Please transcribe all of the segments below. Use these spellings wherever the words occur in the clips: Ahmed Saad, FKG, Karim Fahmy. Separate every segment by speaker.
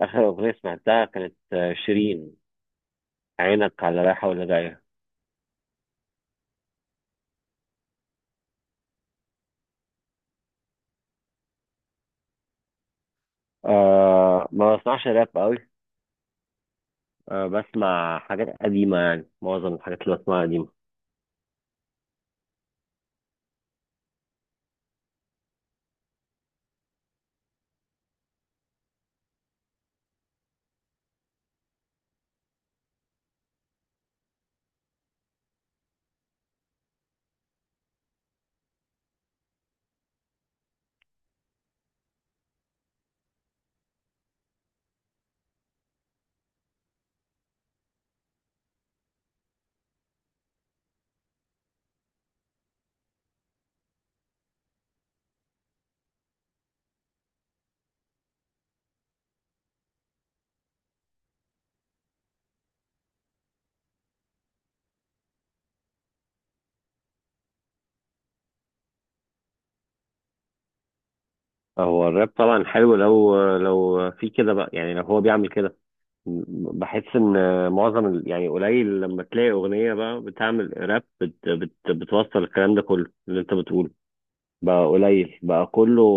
Speaker 1: آخر أغنية سمعتها كانت شيرين، عينك على رايحة ولا جاية. أه، ما بسمعش راب قوي. أه بسمع حاجات قديمة، يعني معظم الحاجات اللي بسمعها قديمة. هو الراب طبعا حلو لو في كده بقى، يعني لو هو بيعمل كده. بحس ان معظم يعني قليل لما تلاقي اغنيه بقى بتعمل راب بت بت بتوصل الكلام ده كله اللي انت بتقوله، بقى قليل بقى. كله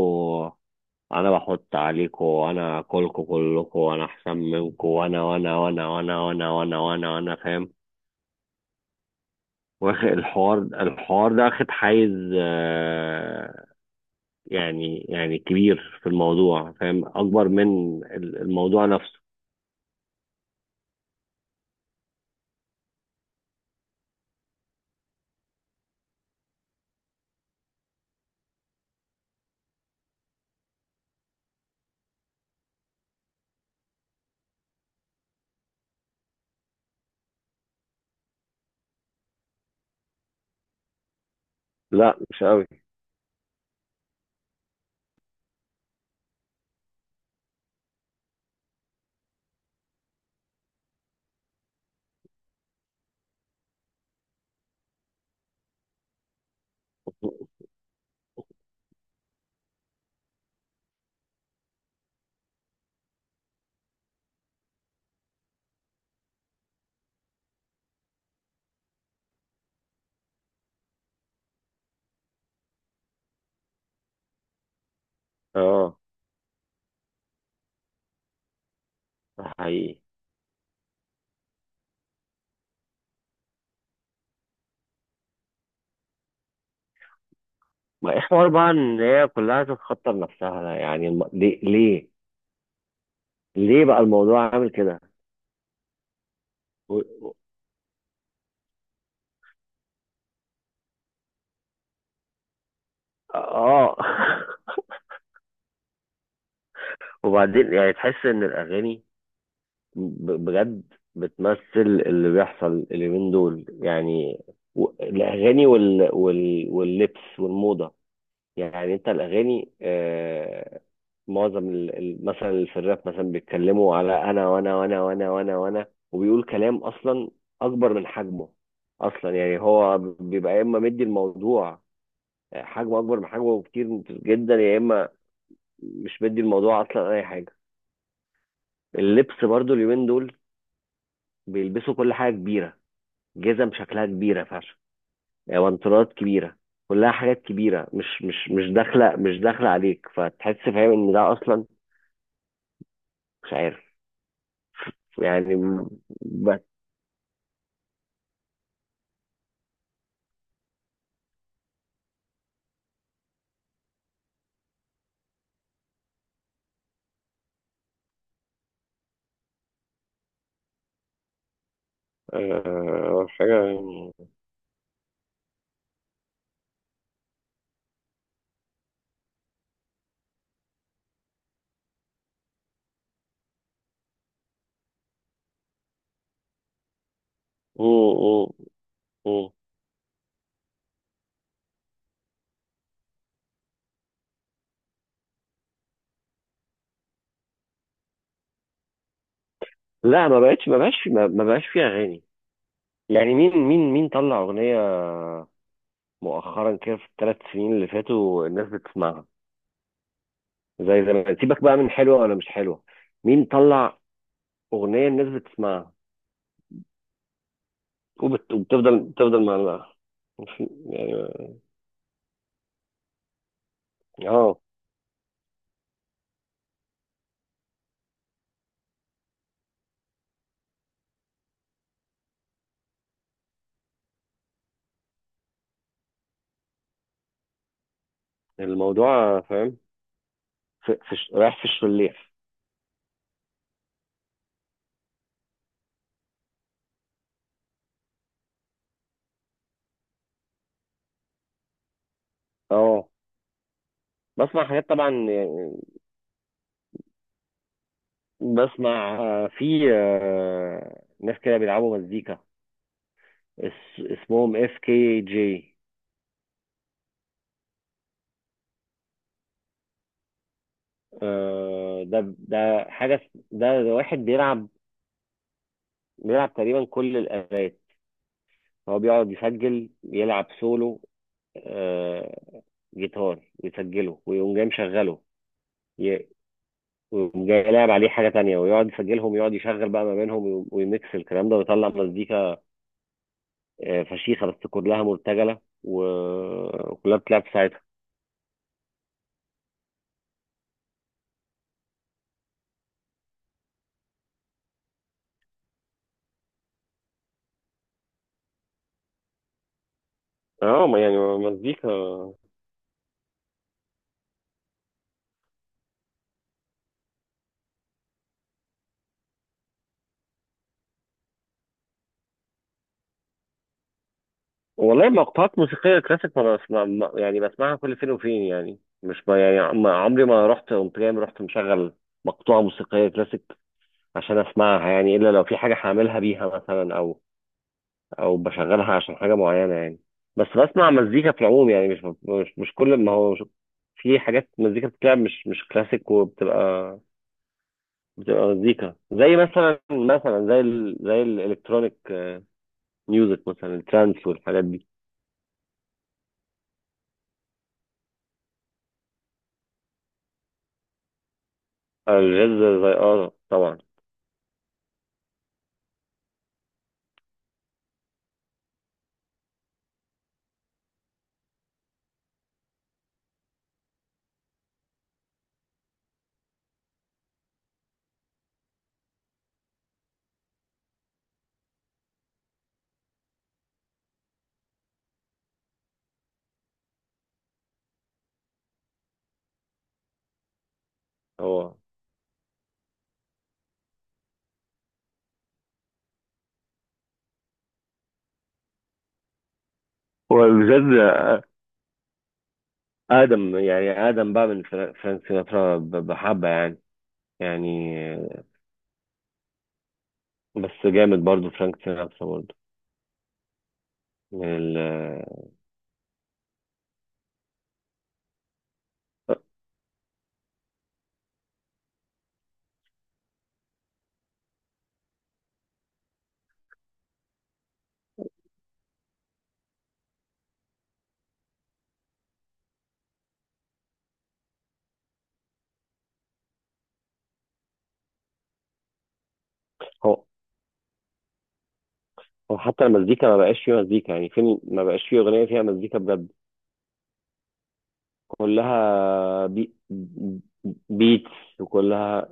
Speaker 1: انا بحط عليكم وانا اكلكم كلكم وانا احسن منكم وانا فاهم. واخد الحوار ده اخد حيز، آه، يعني كبير في الموضوع، فاهم اكبر من الموضوع نفسه. لا، مش قوي. اه، ده حقيقي. ما ايه حوار بقى ان هي كلها تتخطر نفسها؟ لا، يعني ليه ليه بقى الموضوع عامل كده؟ و... و- اه وبعدين يعني تحس ان الاغاني بجد بتمثل اللي بيحصل اليومين دول. يعني الأغاني واللبس والموضة. يعني أنت الأغاني معظم مثلا اللي في الراب مثلا بيتكلموا على أنا وأنا وأنا وأنا وأنا وأنا وبيقول كلام أصلا أكبر من حجمه. أصلا يعني هو بيبقى يا إما مدي الموضوع، حجمه أكبر من حجمه بكتير جدا، يا إما مش مدي الموضوع أصلا أي حاجة. اللبس برضو اليومين دول بيلبسوا كل حاجة كبيرة، جزم شكلها كبيرة فشخ، وانترات كبيرة، كلها حاجات كبيرة، مش مش مش داخلة، عليك، فتحس فاهم ان ده اصلا مش عارف. يعني م- بس آه، حاجة يعني. مم، مم، مم. لا، ما بقتش، ما بقاش فيها اغاني، يعني مين طلع اغنية مؤخرا كده في الثلاث سنين اللي فاتوا الناس بتسمعها زي زمان؟ سيبك بقى من حلوة ولا مش حلوة، مين طلع اغنية الناس بتسمعها؟ وبت- وبتفضل بتفضل معلقة وفي يعني اه. الموضوع فاهم رايح في الشليح. اه، بسمع حاجات طبعا يعني. بسمع في ناس كده بيلعبوا مزيكا، اس... اسمهم اف كي جي. ده ده حاجة، ده واحد بيلعب، بيلعب تقريبا كل الآلات. هو بيقعد يسجل يلعب سولو، آه، جيتار، يسجله ويقوم جاي مشغله وجاي لاعب عليه حاجة تانية، ويقعد يسجلهم ويقعد يشغل بقى ما بينهم ويميكس الكلام ده ويطلع مزيكا. فشيخة، بس كلها مرتجلة وكلها بتلعب في ساعتها. اه يعني مزيكا. والله مقطوعات موسيقية كلاسيك ما بسمع، يعني بسمعها كل فين وفين، يعني مش ما يعني عمري ما رحت قمت جاي رحت مشغل مقطوعة موسيقية كلاسيك عشان اسمعها، يعني الا لو في حاجة هعملها بيها مثلا، او بشغلها عشان حاجه معينه يعني. بس بسمع مزيكا في العموم يعني، مش كل ما هو مش. في حاجات مزيكا بتتلعب مش مش كلاسيك، وبتبقى مزيكا زي مثلا زي زي الالكترونيك ميوزك، مثلا الترانس والحاجات دي. الجاز؟ زي اه، طبعا. هو هو الجاز ادم، يعني ادم بقى. من فرانك سيناترا، بحبه يعني، يعني. بس جامد برضو فرانك سيناترا برضو، من ال- هو هو حتى المزيكا ما بقاش فيه مزيكا يعني فين، ما بقاش فيه أغنية فيها مزيكا بجد، كلها بيتس، وكلها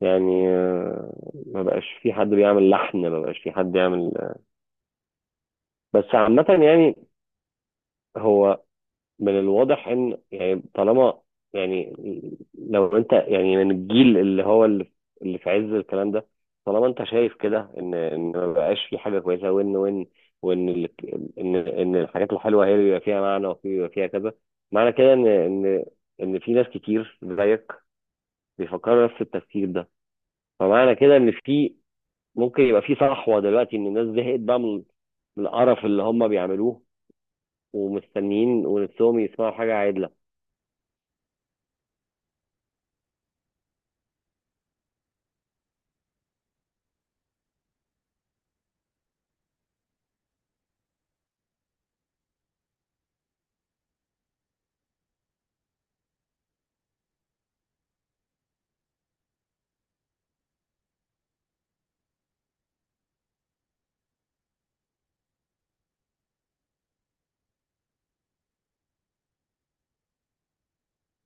Speaker 1: يعني ما بقاش في حد بيعمل لحن، ما بقاش في حد يعمل. بس عامة يعني هو من الواضح ان يعني طالما، يعني لو انت يعني من الجيل اللي هو اللي اللي في عز الكلام ده، طالما انت شايف كده ان ما بقاش في حاجه كويسه، وان وان وان ال- ان ان الحاجات الحلوه هي اللي بيبقى فيها معنى وفي بيبقى فيها كذا معنى، كده ان في ناس كتير زيك بيفكروا نفس التفكير ده، فمعنى كده ان في ممكن يبقى في صحوه دلوقتي، ان الناس زهقت بقى من القرف اللي هم بيعملوه، ومستنيين ونفسهم يسمعوا حاجه عادله.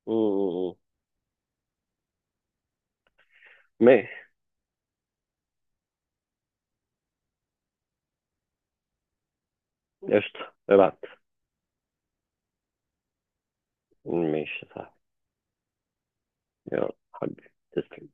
Speaker 1: م. ماشي. قشطة، ابعت. ماشي، صح. يلا حبيبي، تسلم.